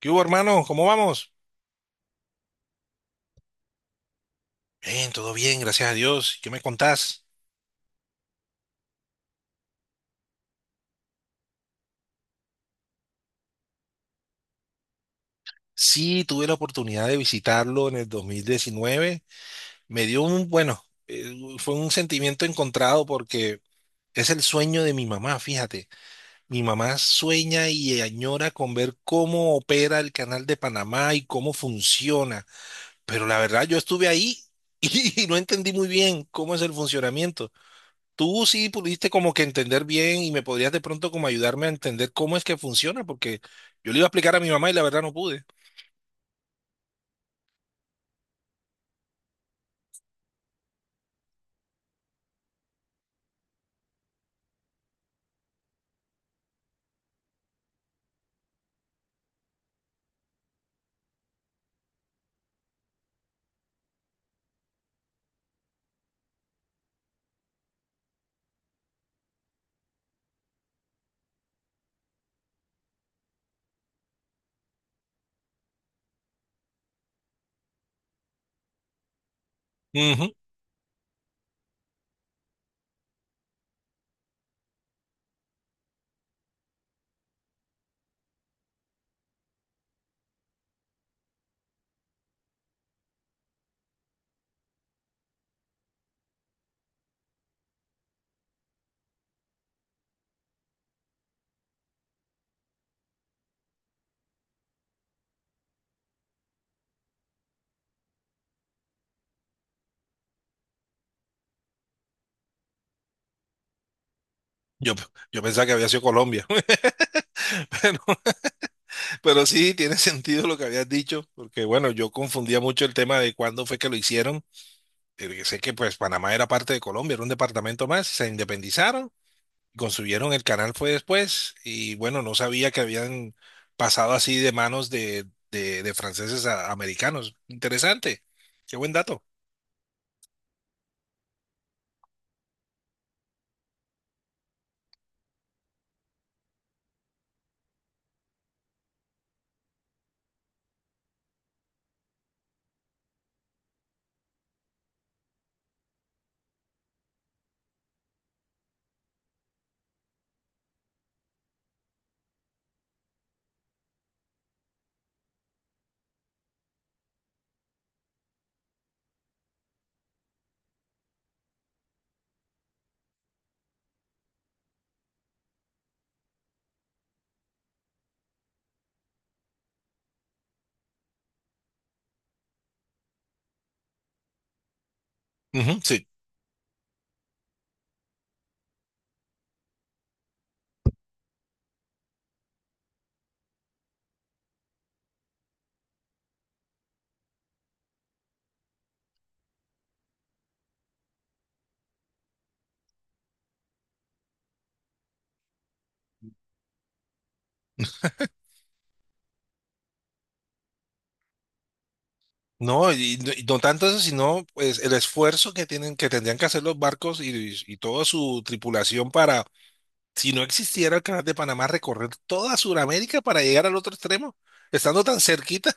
¿Qué hubo, hermano? ¿Cómo vamos? Bien, todo bien, gracias a Dios. ¿Qué me contás? Sí, tuve la oportunidad de visitarlo en el 2019. Me dio fue un sentimiento encontrado porque es el sueño de mi mamá, fíjate. Mi mamá sueña y añora con ver cómo opera el Canal de Panamá y cómo funciona. Pero la verdad, yo estuve ahí y no entendí muy bien cómo es el funcionamiento. Tú sí pudiste como que entender bien y me podrías de pronto como ayudarme a entender cómo es que funciona, porque yo le iba a explicar a mi mamá y la verdad no pude. Ujú. Yo, pe- yo pensaba que había sido Colombia, pero, pero sí tiene sentido lo que habías dicho, porque bueno, yo confundía mucho el tema de cuándo fue que lo hicieron, porque sé que pues Panamá era parte de Colombia, era un departamento más, se independizaron, construyeron el canal fue después y bueno, no sabía que habían pasado así de manos de, de franceses a americanos. Interesante, qué buen dato. Ujú, sí. No, y no tanto eso, sino pues el esfuerzo que tienen, que tendrían que hacer los barcos y toda su tripulación para, si no existiera el Canal de Panamá, recorrer toda Sudamérica para llegar al otro extremo, estando tan cerquita.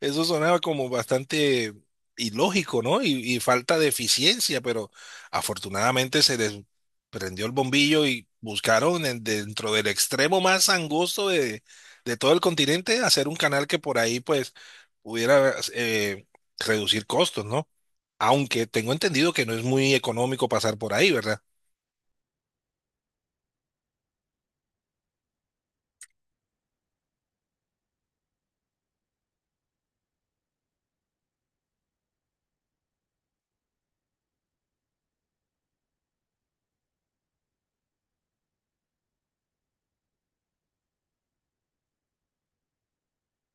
Eso sonaba como bastante ilógico, ¿no? Y falta de eficiencia, pero afortunadamente se les prendió el bombillo y buscaron dentro del extremo más angosto de todo el continente hacer un canal que por ahí pues pudiera reducir costos, ¿no? Aunque tengo entendido que no es muy económico pasar por ahí, ¿verdad?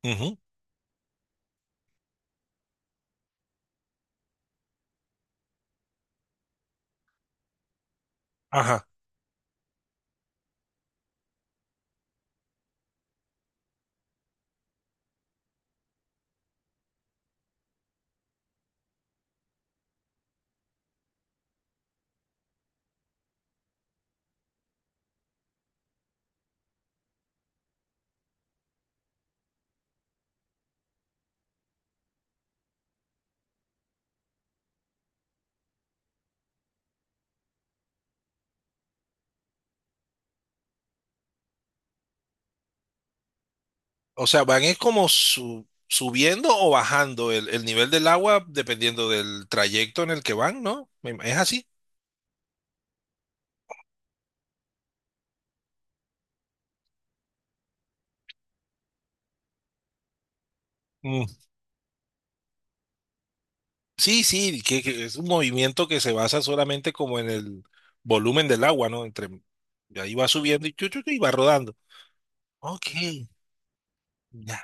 Ujú. Ajá. O sea, van es como subiendo o bajando el nivel del agua dependiendo del trayecto en el que van, ¿no? Es así. Mm. Sí, sí, que es un movimiento que se basa solamente como en el volumen del agua, ¿no? Entre y ahí va subiendo y, chu, chu, chu, y va rodando. Ok, ya.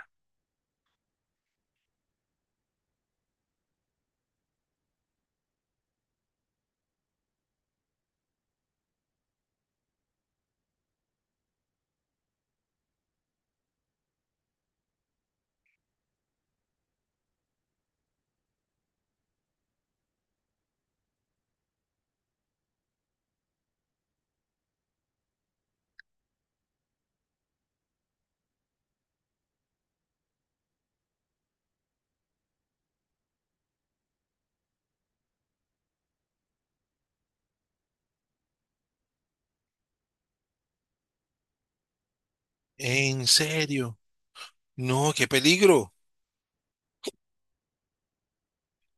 ¿En serio? No, qué peligro.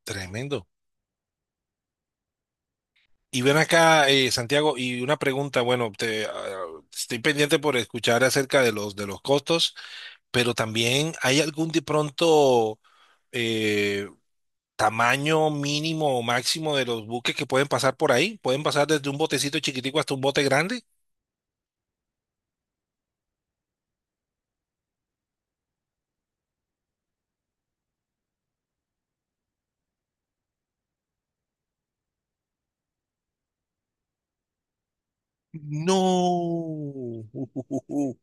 Tremendo. Y ven acá, Santiago, y una pregunta, bueno, estoy pendiente por escuchar acerca de los costos, pero también hay algún de pronto eh, tamaño mínimo o máximo de los buques que pueden pasar por ahí. ¿Pueden pasar desde un botecito chiquitico hasta un bote grande? No.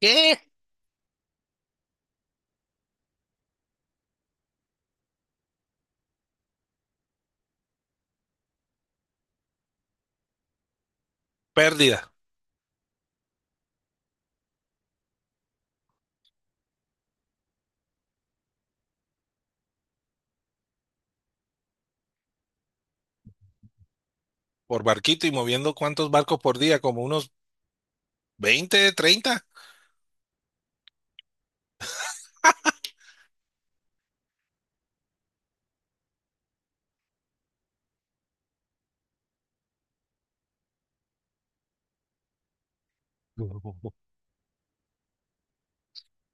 ¿Qué? Pérdida por barquito y moviendo cuántos barcos por día, como unos 20, 30,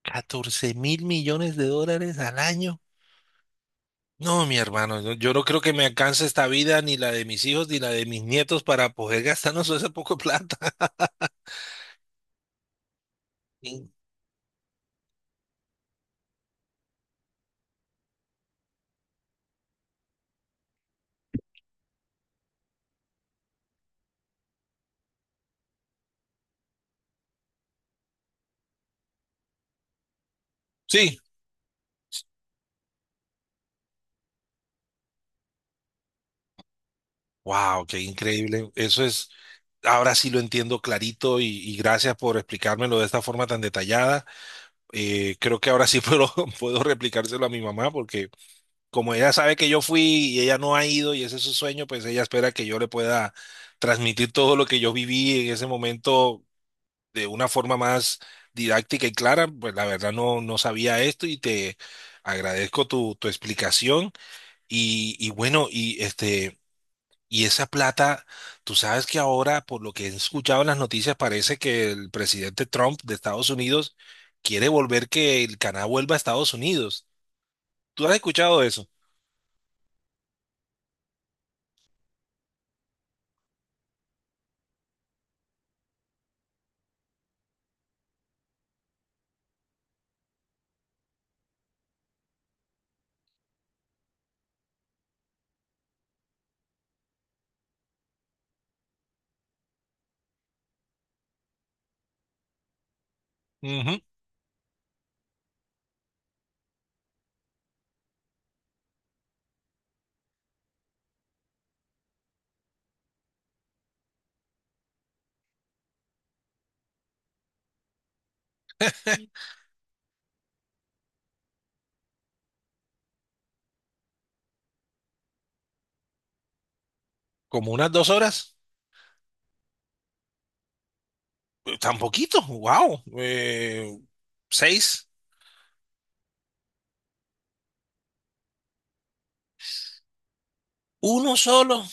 $14.000 millones al año. No, mi hermano, no- yo no creo que me alcance esta vida, ni la de mis hijos, ni la de mis nietos, para poder gastarnos esa poco de plata. Sí, wow, qué increíble. Eso es, ahora sí lo entiendo clarito y gracias por explicármelo de esta forma tan detallada. Creo que ahora sí puedo, puedo replicárselo a mi mamá porque como ella sabe que yo fui y ella no ha ido y ese es su sueño, pues ella espera que yo le pueda transmitir todo lo que yo viví en ese momento de una forma más didáctica y clara. Pues la verdad no sabía esto y te agradezco tu explicación y bueno, y este... Y esa plata, tú sabes que ahora, por lo que he escuchado en las noticias, parece que el presidente Trump de Estados Unidos quiere volver que el Canadá vuelva a Estados Unidos. ¿Tú has escuchado eso? Ujú. Como unas 2 horas. Tan poquito, wow. Seis. ¿Uno solo?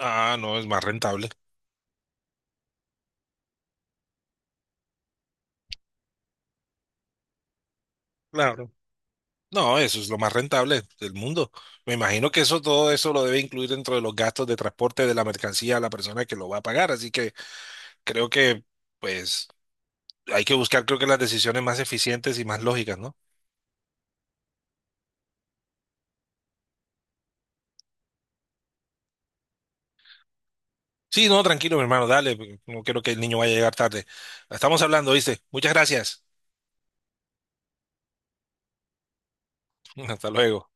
Ah, no, es más rentable. Claro. No, eso es lo más rentable del mundo. Me imagino que eso, todo eso lo debe incluir dentro de los gastos de transporte de la mercancía a la persona que lo va a pagar. Así que creo que, pues, hay que buscar, creo que las decisiones más eficientes y más lógicas, ¿no? Sí, no, tranquilo, mi hermano, dale, no quiero que el niño vaya a llegar tarde. Estamos hablando, ¿viste? Muchas gracias. Hasta luego.